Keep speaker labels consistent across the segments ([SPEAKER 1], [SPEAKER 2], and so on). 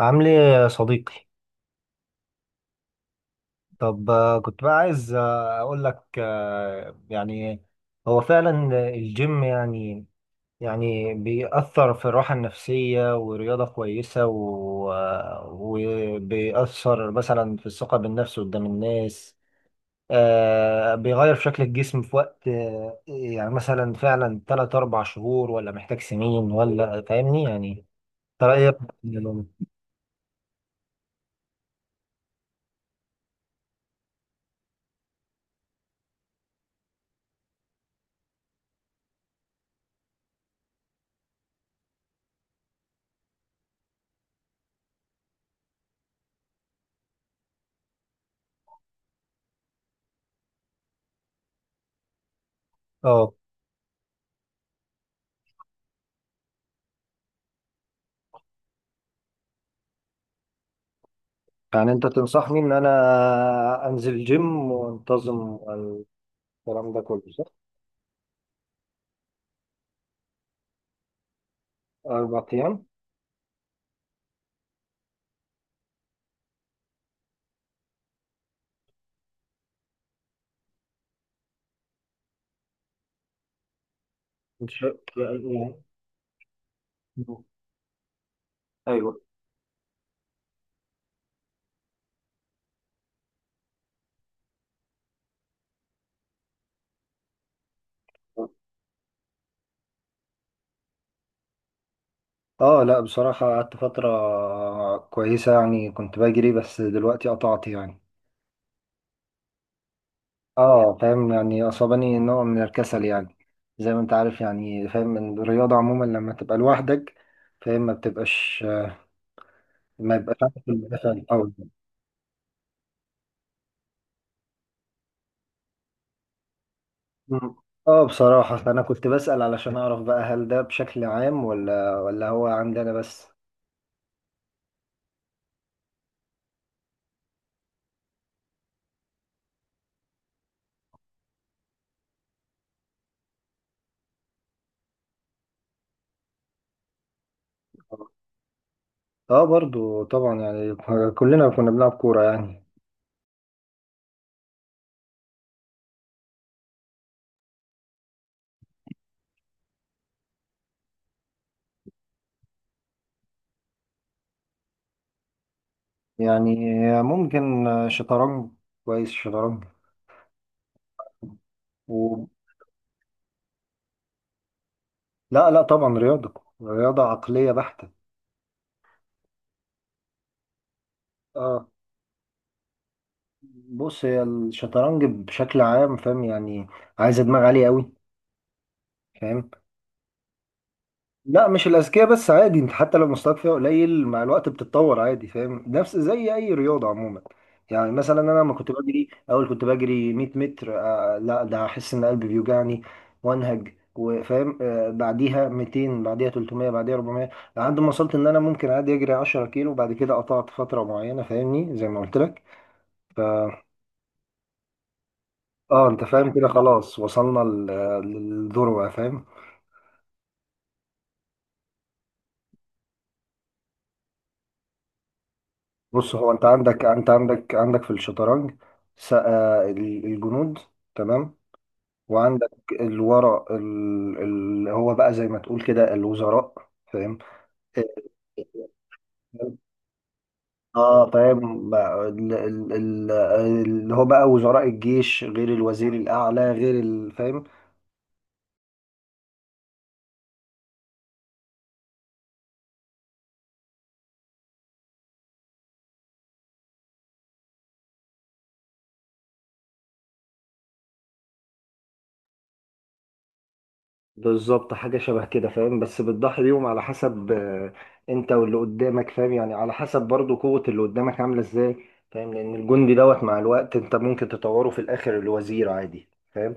[SPEAKER 1] عامل ايه يا صديقي؟ طب كنت بقى عايز اقول لك هو فعلا الجيم يعني بيأثر في الراحة النفسية ورياضة كويسة وبيأثر مثلا في الثقة بالنفس قدام الناس. بيغير في شكل الجسم في وقت يعني مثلا فعلا 3 4 شهور، ولا محتاج سنين، ولا فاهمني يعني. ترى ايه رأيك؟ اه، يعني انت تنصحني ان انا انزل جيم وانتظم، الكلام ده كله صح؟ اربع ايام ان شاء الله. ايوه. اه لا، بصراحة قعدت فترة كويسة يعني كنت بجري، بس دلوقتي قطعت يعني. اه فاهم، يعني اصابني نوع من الكسل يعني. زي ما انت عارف يعني، فاهم إن الرياضة عموما لما تبقى لوحدك، فاهم، ما بتبقاش، ما بيبقاش عندك الدافع القوي. مم. اه بصراحة فأنا كنت بسأل علشان أعرف بقى هل ده بشكل عام، ولا هو عندنا بس. اه برضو طبعا يعني، كلنا كنا بنلعب كورة يعني. يعني ممكن شطرنج. كويس شطرنج و... لا لا، طبعا رياضة. رياضة عقلية بحتة. اه بص، هي الشطرنج بشكل عام، فاهم يعني، عايزة دماغ عالية قوي، فاهم. لا مش الاذكياء بس، عادي، انت حتى لو مستواك فيها قليل مع الوقت بتتطور عادي، فاهم، نفس زي اي رياضه عموما. يعني مثلا انا لما كنت بجري اول كنت بجري 100 متر، لا ده احس ان قلبي بيوجعني وانهج وفاهم، بعديها 200، بعديها 300، بعديها 400، لحد ما وصلت ان انا ممكن عادي اجري 10 كيلو. وبعد كده قطعت فتره معينه، فاهمني زي ما قلت لك ف- اه انت فاهم كده، خلاص وصلنا للذروه فاهم. بص، هو انت عندك في الشطرنج الجنود، تمام، وعندك الورق اللي هو بقى زي ما تقول كده الوزراء، فاهم. اه فاهم بقى اللي هو بقى وزراء الجيش، غير الوزير الاعلى، غير فاهم. بالظبط، حاجة شبه كده، فاهم. بس بتضحي بيهم على حسب انت واللي قدامك، فاهم يعني، على حسب برضو قوة اللي قدامك عاملة ازاي، فاهم. لأن الجندي دوت مع الوقت انت ممكن تطوره في الآخر لوزير عادي، فاهم.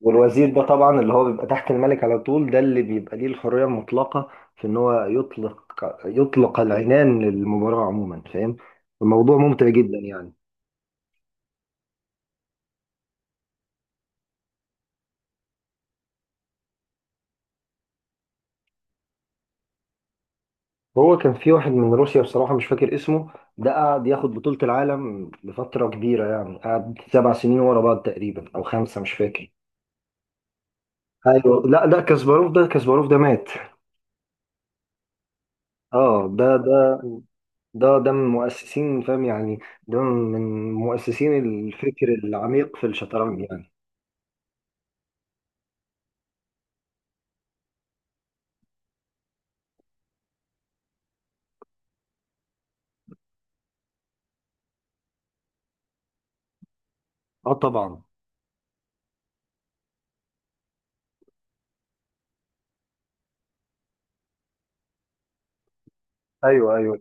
[SPEAKER 1] والوزير ده طبعا اللي هو بيبقى تحت الملك على طول، ده اللي بيبقى ليه الحرية المطلقة في ان هو يطلق، يطلق العنان للمباراة عموما، فاهم. الموضوع ممتع جدا يعني. هو كان في واحد من روسيا، بصراحة مش فاكر اسمه، ده قعد ياخد بطولة العالم لفترة كبيرة يعني، قعد 7 سنين ورا بعض تقريبا، أو 5 مش فاكر. ايوه لا ده كاسباروف، ده كاسباروف ده مات. اه ده من مؤسسين فاهم يعني. ده من مؤسسين الفكر العميق في الشطرنج يعني. اه طبعا. ايوه ايوه.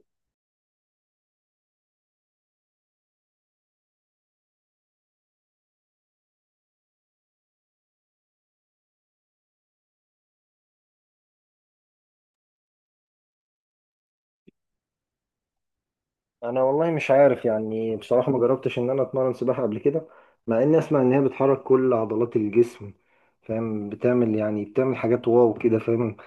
[SPEAKER 1] انا والله مش عارف يعني، بصراحة ما جربتش ان انا اتمرن سباحة قبل كده. مع اني اسمع ان هي بتحرك كل عضلات الجسم، فاهم، بتعمل يعني بتعمل حاجات واو كده، فاهم.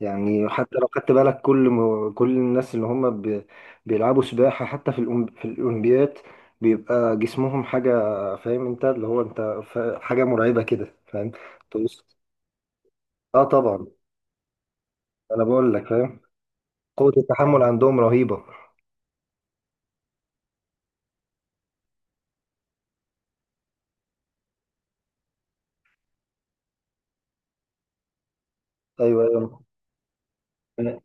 [SPEAKER 1] يعني حتى لو خدت بالك كل الناس اللي هم ب... بيلعبوا سباحة، حتى في في الاولمبيات، بيبقى جسمهم حاجة، فاهم انت، اللي هو انت ف... حاجة مرعبة كده فاهم. تبص، اه طبعا. انا بقول لك فاهم، قوة التحمل عندهم رهيبة. ايوه ايوه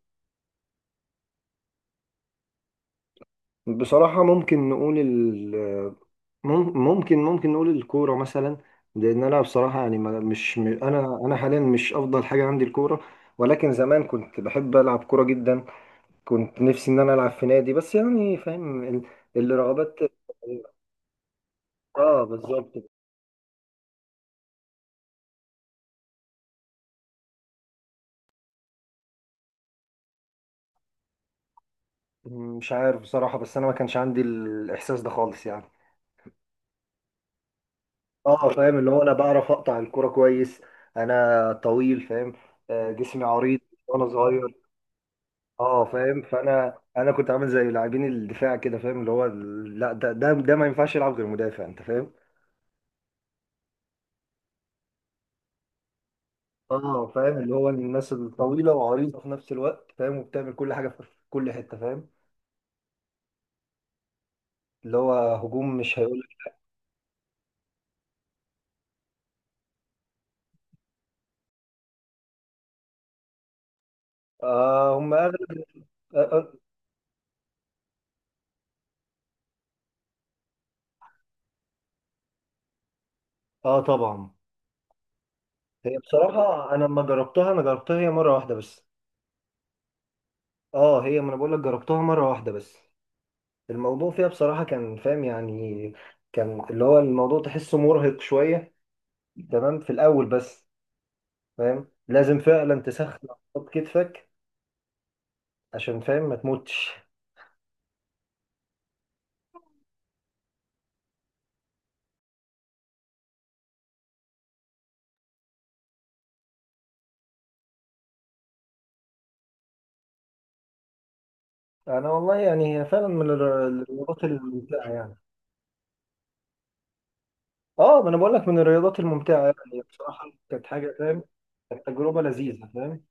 [SPEAKER 1] بصراحة، ممكن نقول ال مم- ممكن ممكن نقول الكورة مثلا. لأن أنا بصراحة يعني ما- مش م- أنا أنا حاليا مش أفضل حاجة عندي الكورة، ولكن زمان كنت بحب ألعب كورة جدا. كنت نفسي إن أنا ألعب في نادي، بس يعني فاهم الرغبات. آه بالظبط. مش عارف بصراحة، بس أنا ما كانش عندي الإحساس ده خالص يعني. آه فاهم، اللي هو أنا بعرف أقطع الكورة كويس، أنا طويل فاهم، جسمي عريض وأنا صغير. اه فاهم، فانا كنت عامل زي لاعبين الدفاع كده، فاهم، لا ده ما ينفعش يلعب غير مدافع، انت فاهم. اه فاهم، اللي هو الناس الطويله وعريضه في نفس الوقت، فاهم، وبتعمل كل حاجه في كل حته، فاهم، اللي هو هجوم مش هيقول لك. آه هم اغلب. اه، آه. طبعا. هي بصراحه انا لما جربتها، انا جربتها هي مره واحده بس. اه هي ما انا بقول لك، جربتها مره واحده بس. الموضوع فيها بصراحه كان فاهم يعني، كان اللي هو الموضوع تحسه مرهق شويه، تمام، في الاول بس، فاهم لازم فعلا تسخن عضلات كتفك عشان فاهم ما تموتش. انا والله يعني هي فعلا من الرياضات الممتعه يعني. اه ما انا بقول لك من الرياضات الممتعه يعني، بصراحه كانت حاجه فاهم، كانت تجربه لذيذه فاهم.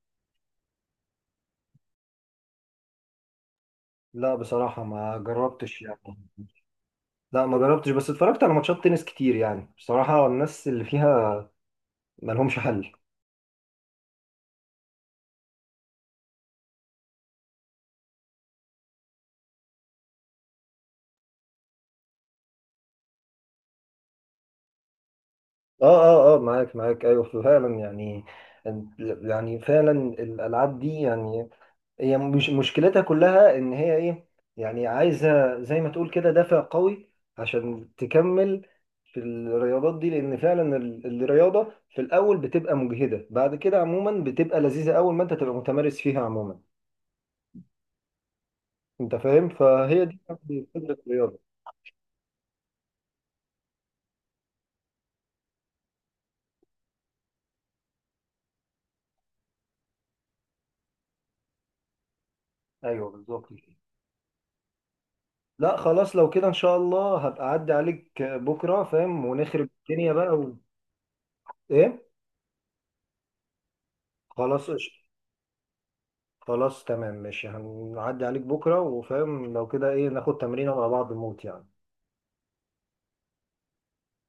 [SPEAKER 1] لا بصراحه ما جربتش يعني. لا ما جربتش، بس اتفرجت على ماتشات تنس كتير، يعني بصراحه الناس اللي فيها ما لهمش حل. اه اه اه معاك معاك، ايوه فعلا يعني. يعني فعلا الالعاب دي يعني، هي مش مشكلتها كلها ان هي ايه، يعني عايزه زي ما تقول كده دافع قوي عشان تكمل في الرياضات دي، لان فعلا الرياضه في الاول بتبقى مجهده، بعد كده عموما بتبقى لذيذه اول ما انت تبقى متمارس فيها عموما، انت فاهم، فهي دي فكره الرياضه. ايوه بالظبط كده. لا خلاص لو كده ان شاء الله هبقى اعدي عليك بكره، فاهم، ونخرب الدنيا بقى و... ايه. خلاص قشطة. خلاص تمام ماشي، هنعدي عليك بكرة وفاهم لو كده ايه، ناخد تمرين على بعض موت يعني.